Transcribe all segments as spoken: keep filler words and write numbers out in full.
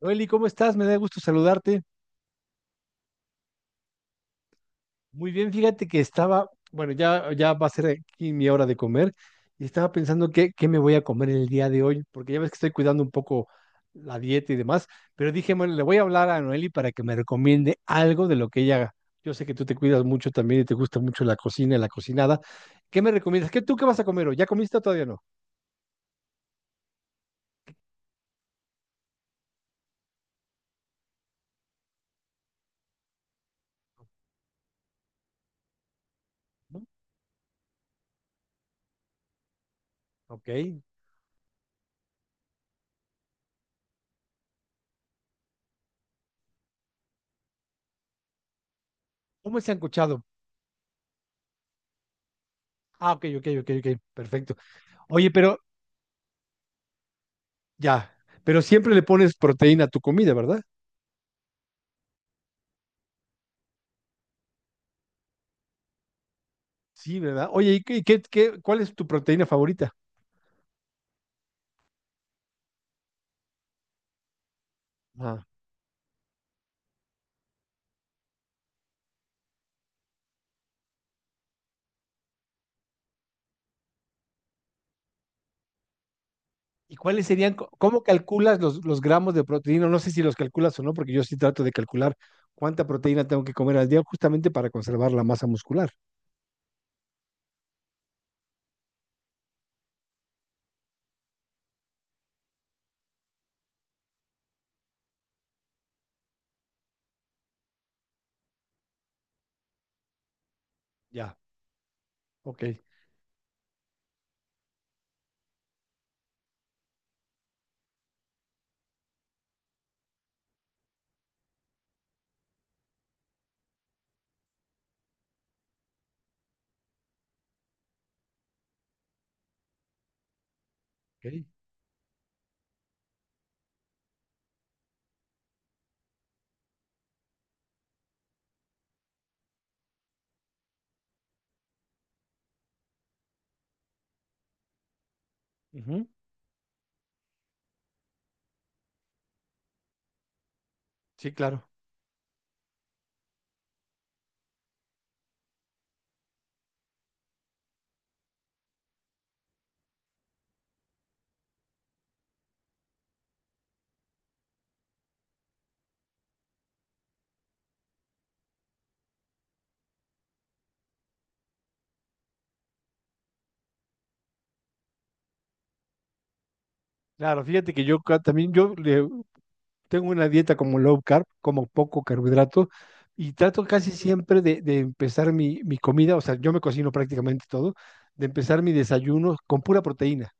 Noeli, ¿cómo estás? Me da gusto saludarte. Muy bien, fíjate que estaba, bueno, ya, ya va a ser aquí mi hora de comer y estaba pensando qué, qué me voy a comer el día de hoy, porque ya ves que estoy cuidando un poco la dieta y demás, pero dije, bueno, le voy a hablar a Noeli para que me recomiende algo de lo que ella haga. Yo sé que tú te cuidas mucho también y te gusta mucho la cocina y la cocinada. ¿Qué me recomiendas? ¿Qué tú qué vas a comer hoy? ¿Ya comiste o todavía no? ¿No? Ok. ¿Cómo se han escuchado? Ah, ok, ok, ok, ok, perfecto. Oye, pero ya, pero siempre le pones proteína a tu comida, ¿verdad? Sí, ¿verdad? Oye, ¿y qué, qué, qué- cuál es tu proteína favorita? Ajá. ¿Y cuáles serían, co- cómo calculas los, los gramos de proteína? No sé si los calculas o no, porque yo sí trato de calcular cuánta proteína tengo que comer al día justamente para conservar la masa muscular. Ya, ok. Ok. Ujú. Sí, claro. Claro, fíjate que yo ca- también, yo tengo una dieta como low carb, como poco carbohidrato y trato casi siempre de, de empezar mi, mi comida, o sea, yo me cocino prácticamente todo, de empezar mi desayuno con pura proteína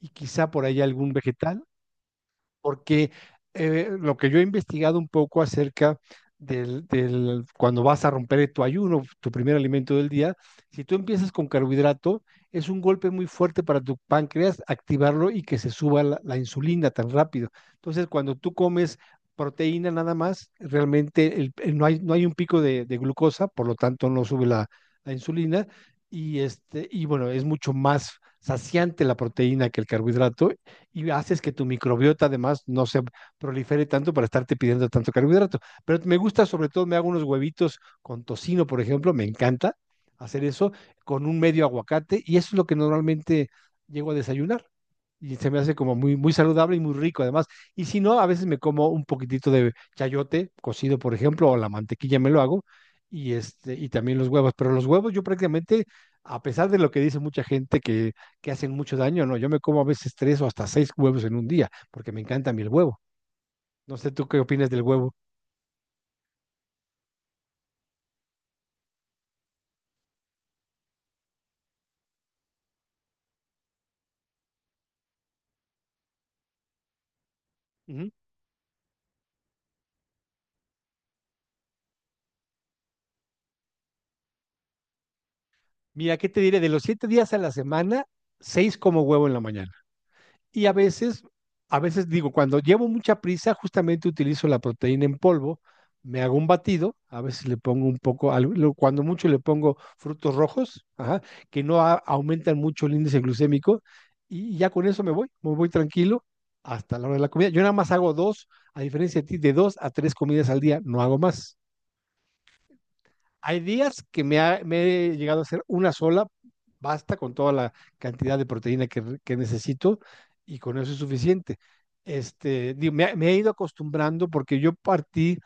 y quizá por ahí algún vegetal porque eh, lo que yo he investigado un poco acerca del, del- cuando vas a romper tu ayuno, tu primer alimento del día, si tú empiezas con carbohidrato, es un golpe muy fuerte para tu páncreas activarlo y que se suba la, la insulina tan rápido. Entonces, cuando tú comes proteína nada más, realmente el- el- no hay, no hay un pico de, de glucosa, por lo tanto no sube la, la insulina y este, y bueno, es mucho más saciante la proteína que el carbohidrato y haces que tu microbiota además no se prolifere tanto para estarte pidiendo tanto carbohidrato. Pero me gusta, sobre todo, me hago unos huevitos con tocino, por ejemplo, me encanta hacer eso con un medio aguacate y eso es lo que normalmente llego a desayunar y se me hace como muy, muy saludable y muy rico además. Y si no, a veces me como un poquitito de chayote cocido, por ejemplo, o la mantequilla me lo hago, y, este, y también los huevos. Pero los huevos yo prácticamente, a pesar de lo que dice mucha gente que que hacen mucho daño, no, yo me como a veces tres o hasta seis huevos en un día, porque me encanta a mí el huevo. No sé tú qué opinas del huevo. Ujú. Mira, ¿qué te diré? De los siete días a la semana, seis como huevo en la mañana. Y a veces, a veces digo, cuando llevo mucha prisa, justamente utilizo la proteína en polvo, me hago un batido, a veces le pongo un poco, al- lo- cuando mucho le pongo frutos rojos, ajá, que no a- aumentan mucho el índice glucémico, y ya con eso me voy, me voy tranquilo hasta la hora de la comida. Yo nada más hago dos, a diferencia de ti, de dos a tres comidas al día, no hago más. Hay días que me, ha- me he llegado a hacer una sola, basta con toda la cantidad de proteína que, re- que necesito y con eso es suficiente. Este, digo, me, ha- me he ido acostumbrando porque yo partí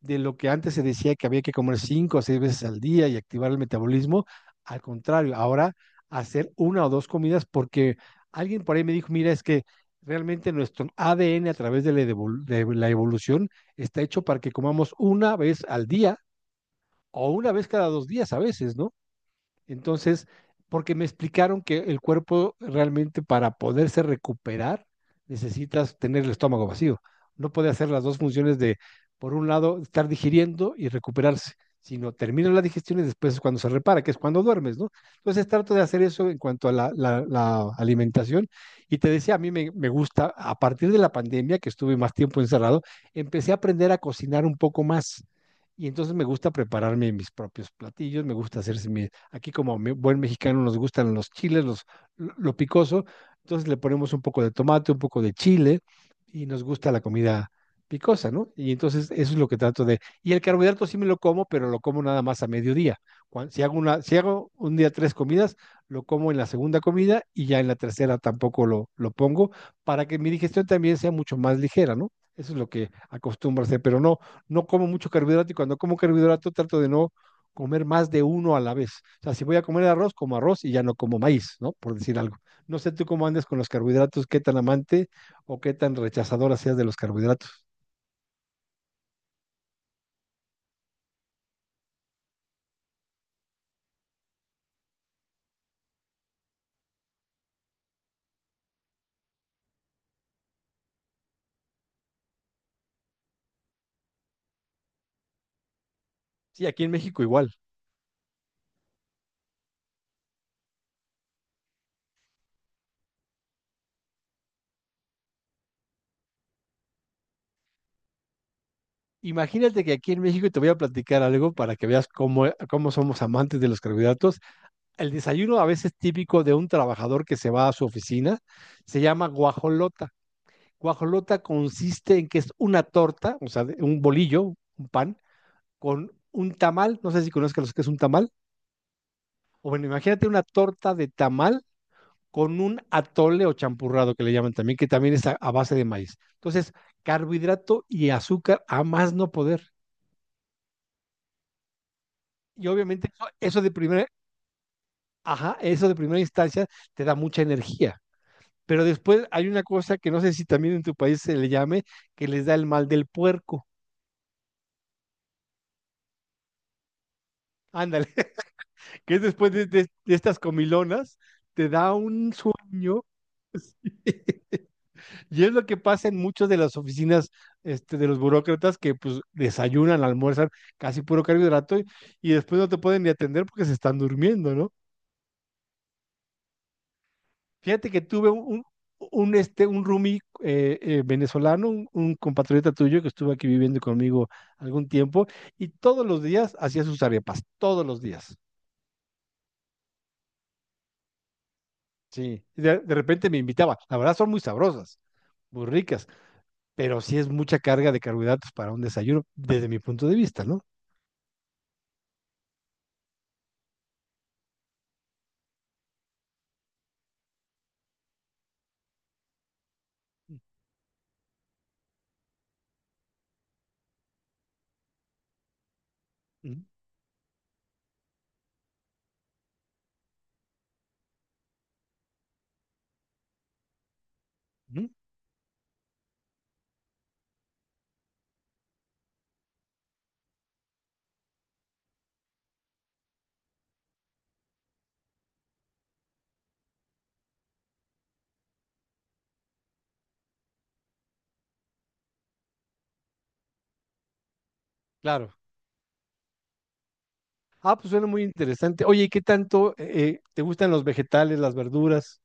de lo que antes se decía que había que comer cinco o seis veces al día y activar el metabolismo. Al contrario, ahora hacer una o dos comidas porque alguien por ahí me dijo, mira, es que realmente nuestro A D N a través de la devol- de la evolución está hecho para que comamos una vez al día o una vez cada dos días a veces, ¿no? Entonces, porque me explicaron que el cuerpo realmente para poderse recuperar necesitas tener el estómago vacío. No puede hacer las dos funciones de, por un lado, estar digiriendo y recuperarse, sino termina la digestión y después es cuando se repara, que es cuando duermes, ¿no? Entonces trato de hacer eso en cuanto a la, la- la alimentación. Y te decía, a mí me, me gusta, a partir de la pandemia, que estuve más tiempo encerrado, empecé a aprender a cocinar un poco más. Y entonces me gusta prepararme mis propios platillos, me gusta hacerse mi. Aquí como me- buen mexicano nos gustan los chiles, los, lo lo picoso, entonces le ponemos un poco de tomate, un poco de chile y nos gusta la comida picosa, ¿no? Y entonces eso es lo que trato de. Y el carbohidrato sí me lo como, pero lo como nada más a mediodía. Cuan- si hago una, si hago un día tres comidas, lo como en la segunda comida y ya en la tercera tampoco lo, lo pongo para que mi digestión también sea mucho más ligera, ¿no? Eso es lo que acostumbro a hacer, pero no, no como mucho carbohidrato y cuando como carbohidrato trato de no comer más de uno a la vez. O sea, si voy a comer arroz, como arroz y ya no como maíz, ¿no? Por decir algo. No sé tú cómo andes con los carbohidratos, qué tan amante o qué tan rechazadora seas de los carbohidratos. Sí, aquí en México igual. Imagínate que aquí en México te voy a platicar algo para que veas cómo, cómo somos amantes de los carbohidratos. El desayuno a veces típico de un trabajador que se va a su oficina se llama guajolota. Guajolota consiste en que es una torta, o sea, un bolillo, un pan, con un tamal, no sé si conozcas lo que es un tamal, o bueno, imagínate una torta de tamal con un atole o champurrado que le llaman también, que también es a, a base de maíz. Entonces, carbohidrato y azúcar a más no poder. Y obviamente eso, eso de primera, ajá, eso de primera instancia te da mucha energía. Pero después hay una cosa que no sé si también en tu país se le llame, que les da el mal del puerco. Ándale, que es después de, de- de estas comilonas, te da un sueño. Y es lo que pasa en muchas de las oficinas este, de los burócratas que pues desayunan, almuerzan casi puro carbohidrato y, y después no te pueden ni atender porque se están durmiendo, ¿no? Fíjate que tuve un, un, un, este, un roomie eh, eh, venezolano, un, un compatriota tuyo que estuvo aquí viviendo conmigo algún tiempo y todos los días hacía sus arepas, todos los días. Sí, de, de repente me invitaba. La verdad son muy sabrosas, muy ricas, pero sí es mucha carga de carbohidratos para un desayuno desde mi punto de vista, ¿no? Ujú, ujú, claro. Ah, pues suena muy interesante. Oye, ¿y qué tanto eh, eh, te gustan los vegetales, las verduras?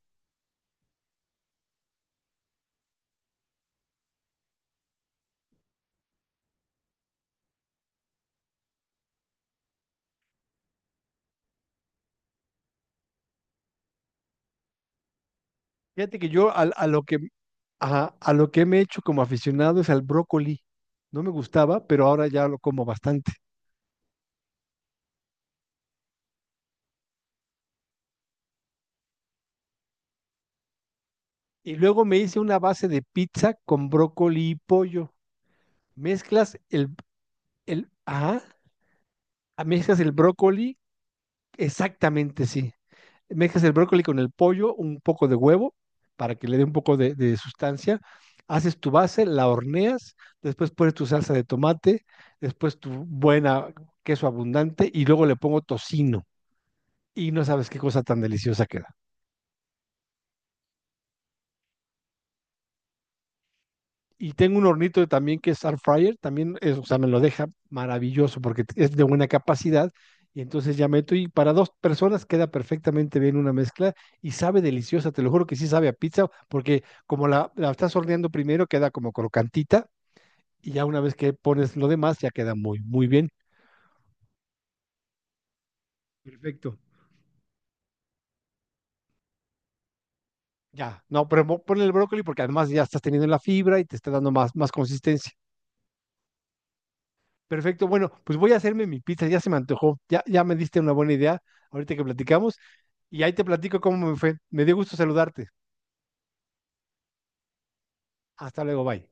Fíjate que yo al- a, lo que ajá, a, lo que me he hecho como aficionado es al brócoli. No me gustaba, pero ahora ya lo como bastante. Y luego me hice una base de pizza con brócoli y pollo. Mezclas el, el, ajá, ah, mezclas el brócoli, exactamente, sí. Mezclas el brócoli con el pollo, un poco de huevo, para que le dé un poco de, de sustancia. Haces tu base, la horneas, después pones tu salsa de tomate, después tu buena queso abundante y luego le pongo tocino. Y no sabes qué cosa tan deliciosa queda. Y tengo un hornito también que es air fryer, también, es, o sea, me lo deja maravilloso porque es de buena capacidad. Y entonces ya meto y para dos personas queda perfectamente bien una mezcla y sabe deliciosa, te lo juro que sí sabe a pizza, porque como la, la estás horneando primero queda como crocantita y ya una vez que pones lo demás ya queda muy, muy bien. Perfecto. Ya, no, pero mo- ponle el brócoli porque además ya estás teniendo la fibra y te está dando más, más consistencia. Perfecto, bueno, pues voy a hacerme mi pizza, ya se me antojó, ya, ya me diste una buena idea, ahorita que platicamos, y ahí te platico cómo me fue. Me dio gusto saludarte. Hasta luego, bye.